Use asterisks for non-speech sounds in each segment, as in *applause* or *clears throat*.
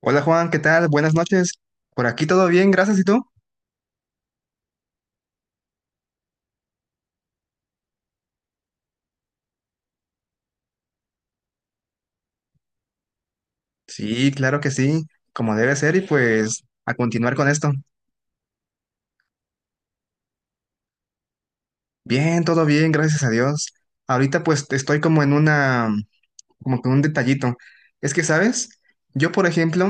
Hola Juan, ¿qué tal? Buenas noches. Por aquí todo bien, gracias. ¿Y tú? Sí, claro que sí, como debe ser y pues a continuar con esto. Bien, todo bien, gracias a Dios. Ahorita pues estoy como en una, como con un detallito. Es que, ¿sabes? Yo, por ejemplo,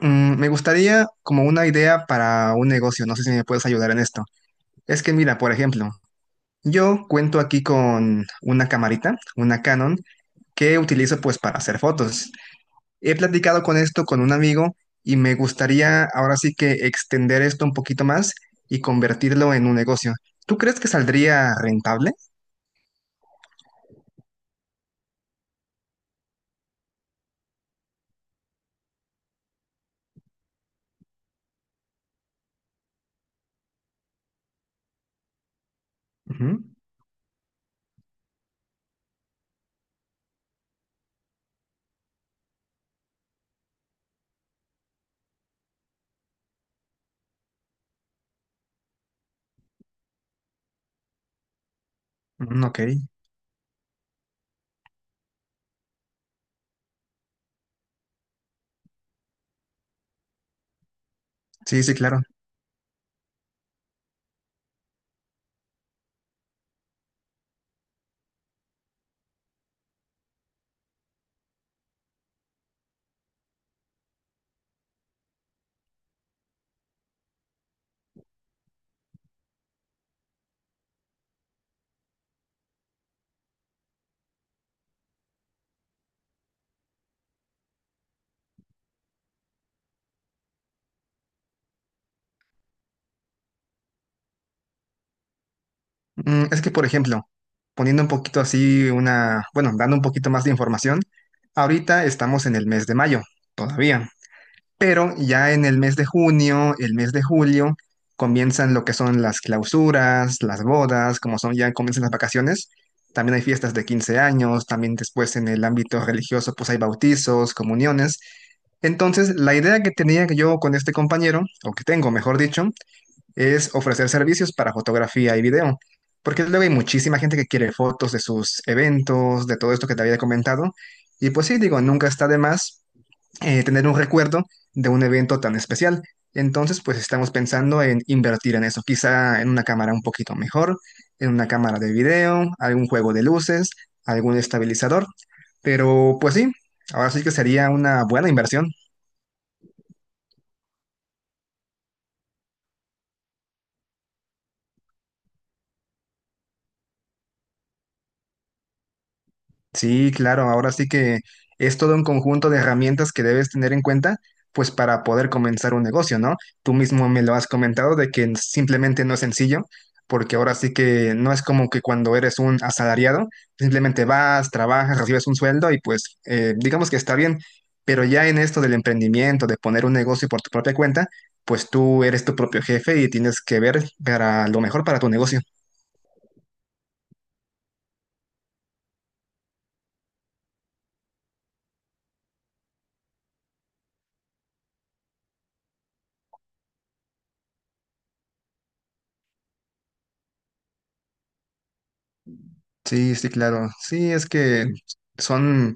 me gustaría como una idea para un negocio. No sé si me puedes ayudar en esto. Es que mira, por ejemplo, yo cuento aquí con una camarita, una Canon, que utilizo pues para hacer fotos. He platicado con esto con un amigo y me gustaría ahora sí que extender esto un poquito más y convertirlo en un negocio. ¿Tú crees que saldría rentable? Ujú. Mm, ok, sí, sí, claro. Es que, por ejemplo, poniendo un poquito así una, bueno, dando un poquito más de información, ahorita estamos en el mes de mayo todavía, pero ya en el mes de junio, el mes de julio, comienzan lo que son las clausuras, las bodas, como son ya comienzan las vacaciones. También hay fiestas de 15 años, también después en el ámbito religioso, pues hay bautizos, comuniones. Entonces, la idea que tenía yo con este compañero, o que tengo, mejor dicho, es ofrecer servicios para fotografía y video, porque luego hay muchísima gente que quiere fotos de sus eventos, de todo esto que te había comentado, y pues sí, digo, nunca está de más tener un recuerdo de un evento tan especial. Entonces, pues estamos pensando en invertir en eso, quizá en una cámara un poquito mejor, en una cámara de video, algún juego de luces, algún estabilizador, pero pues sí, ahora sí que sería una buena inversión. Sí, claro, ahora sí que es todo un conjunto de herramientas que debes tener en cuenta, pues para poder comenzar un negocio, ¿no? Tú mismo me lo has comentado de que simplemente no es sencillo, porque ahora sí que no es como que cuando eres un asalariado, simplemente vas, trabajas, recibes un sueldo y pues digamos que está bien, pero ya en esto del emprendimiento, de poner un negocio por tu propia cuenta, pues tú eres tu propio jefe y tienes que ver para lo mejor para tu negocio. Sí, sí, claro. Sí, es que son,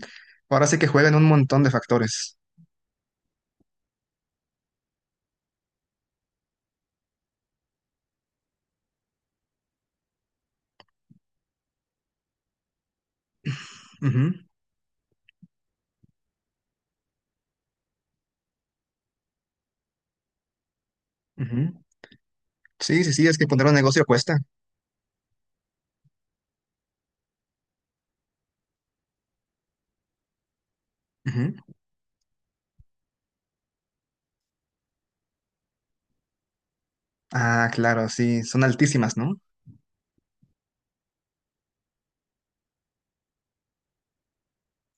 ahora sí que juegan un montón de factores. Ujú, ujú. Sí, sí, sí, es que poner un negocio cuesta. Ujú. Ah, claro, sí, son altísimas, ¿no?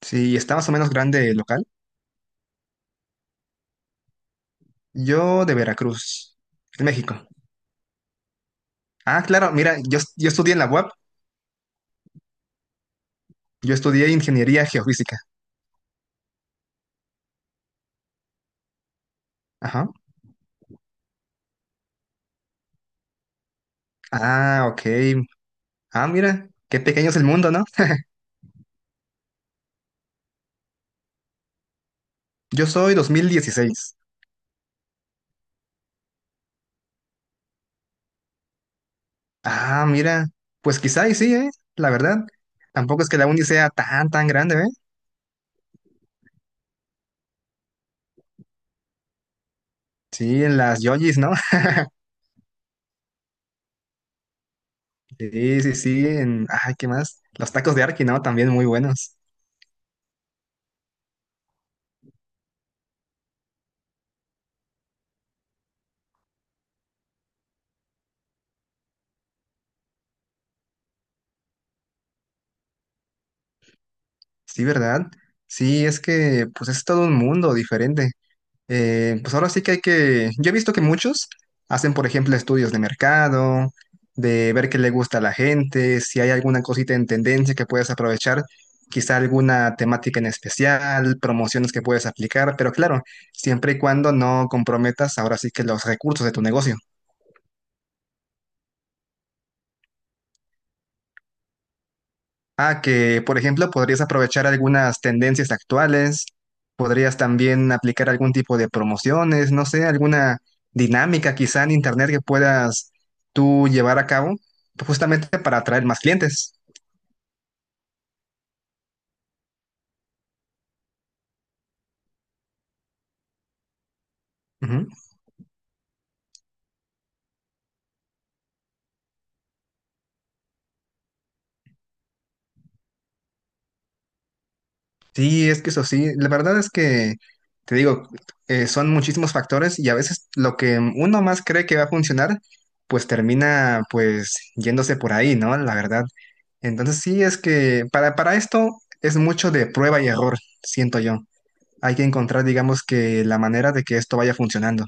Sí, está más o menos grande el local. Yo de Veracruz, de México. Ah, claro, mira, yo estudié en la UAP, yo estudié ingeniería geofísica. Ajá. Ah, ok. Ah, mira, qué pequeño es el mundo, ¿no? Yo soy 2016. Ah, mira, pues quizá y sí, ¿eh? La verdad, tampoco es que la uni sea tan, tan grande, ¿eh? Sí, en las yojis, ¿no? *laughs* Sí, sí, sí, Ay, ¿qué más? Los tacos de Arki, ¿no? También muy buenos. Sí, ¿verdad? Sí, es que, pues es todo un mundo diferente. Pues ahora sí que hay que, yo he visto que muchos hacen, por ejemplo, estudios de mercado, de ver qué le gusta a la gente, si hay alguna cosita en tendencia que puedes aprovechar, quizá alguna temática en especial, promociones que puedes aplicar, pero claro, siempre y cuando no comprometas ahora sí que los recursos de tu negocio. Ah, que por ejemplo podrías aprovechar algunas tendencias actuales, podrías también aplicar algún tipo de promociones, no sé, alguna dinámica quizá en internet que puedas tú llevar a cabo justamente para atraer más clientes. Ujú. Sí, es que eso sí, la verdad es que te digo, son muchísimos factores y a veces lo que uno más cree que va a funcionar, pues termina pues yéndose por ahí, ¿no? La verdad. Entonces sí, es que para esto es mucho de prueba y error, siento yo. Hay que encontrar, digamos que la manera de que esto vaya funcionando.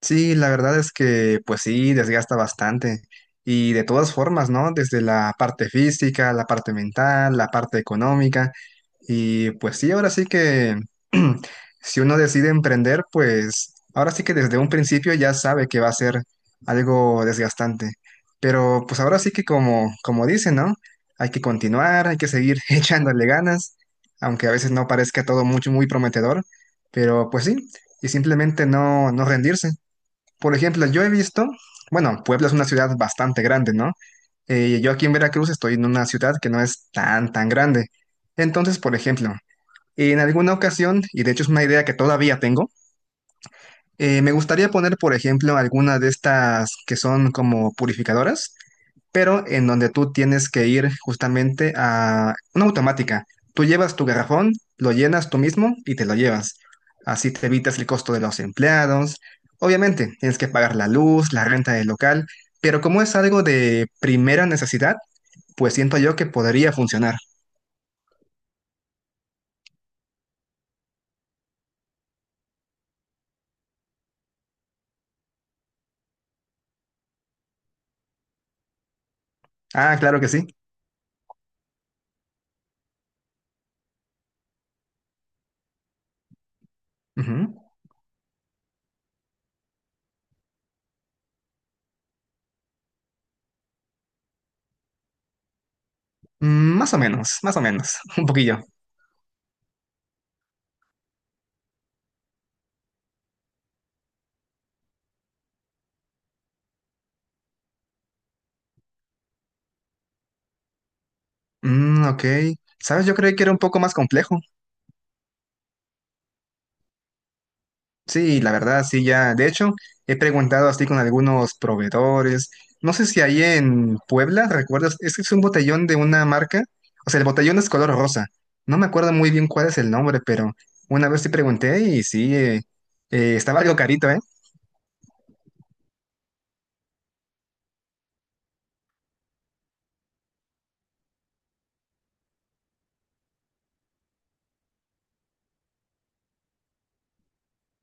Sí, la verdad es que pues sí, desgasta bastante. Y de todas formas, ¿no? Desde la parte física, la parte mental, la parte económica. Y pues sí, ahora sí que *clears throat* si uno decide emprender, pues ahora sí que desde un principio ya sabe que va a ser algo desgastante. Pero pues ahora sí que como dicen, ¿no? Hay que continuar, hay que seguir *laughs* echándole ganas, aunque a veces no parezca todo mucho muy prometedor. Pero pues sí, y simplemente no, no rendirse. Por ejemplo, yo he visto, bueno, Puebla es una ciudad bastante grande, ¿no? Yo aquí en Veracruz estoy en una ciudad que no es tan, tan grande. Entonces, por ejemplo, en alguna ocasión, y de hecho es una idea que todavía tengo, me gustaría poner, por ejemplo, alguna de estas que son como purificadoras pero en donde tú tienes que ir justamente a una automática. Tú llevas tu garrafón, lo llenas tú mismo y te lo llevas. Así te evitas el costo de los empleados. Obviamente, tienes que pagar la luz, la renta del local, pero como es algo de primera necesidad, pues siento yo que podría funcionar. Ah, claro que sí. Ujú. Mm, más o menos, *laughs* un poquillo. Mm, ok. ¿Sabes? Yo creí que era un poco más complejo. Sí, la verdad, sí, ya. De hecho, he preguntado así con algunos proveedores. No sé si ahí en Puebla, ¿recuerdas? Es que es un botellón de una marca. O sea, el botellón es color rosa. No me acuerdo muy bien cuál es el nombre, pero una vez sí pregunté y sí, estaba algo carito, ¿eh?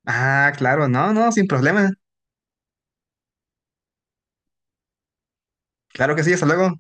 Ah, claro, no, no, sin problema. Claro que sí, hasta luego.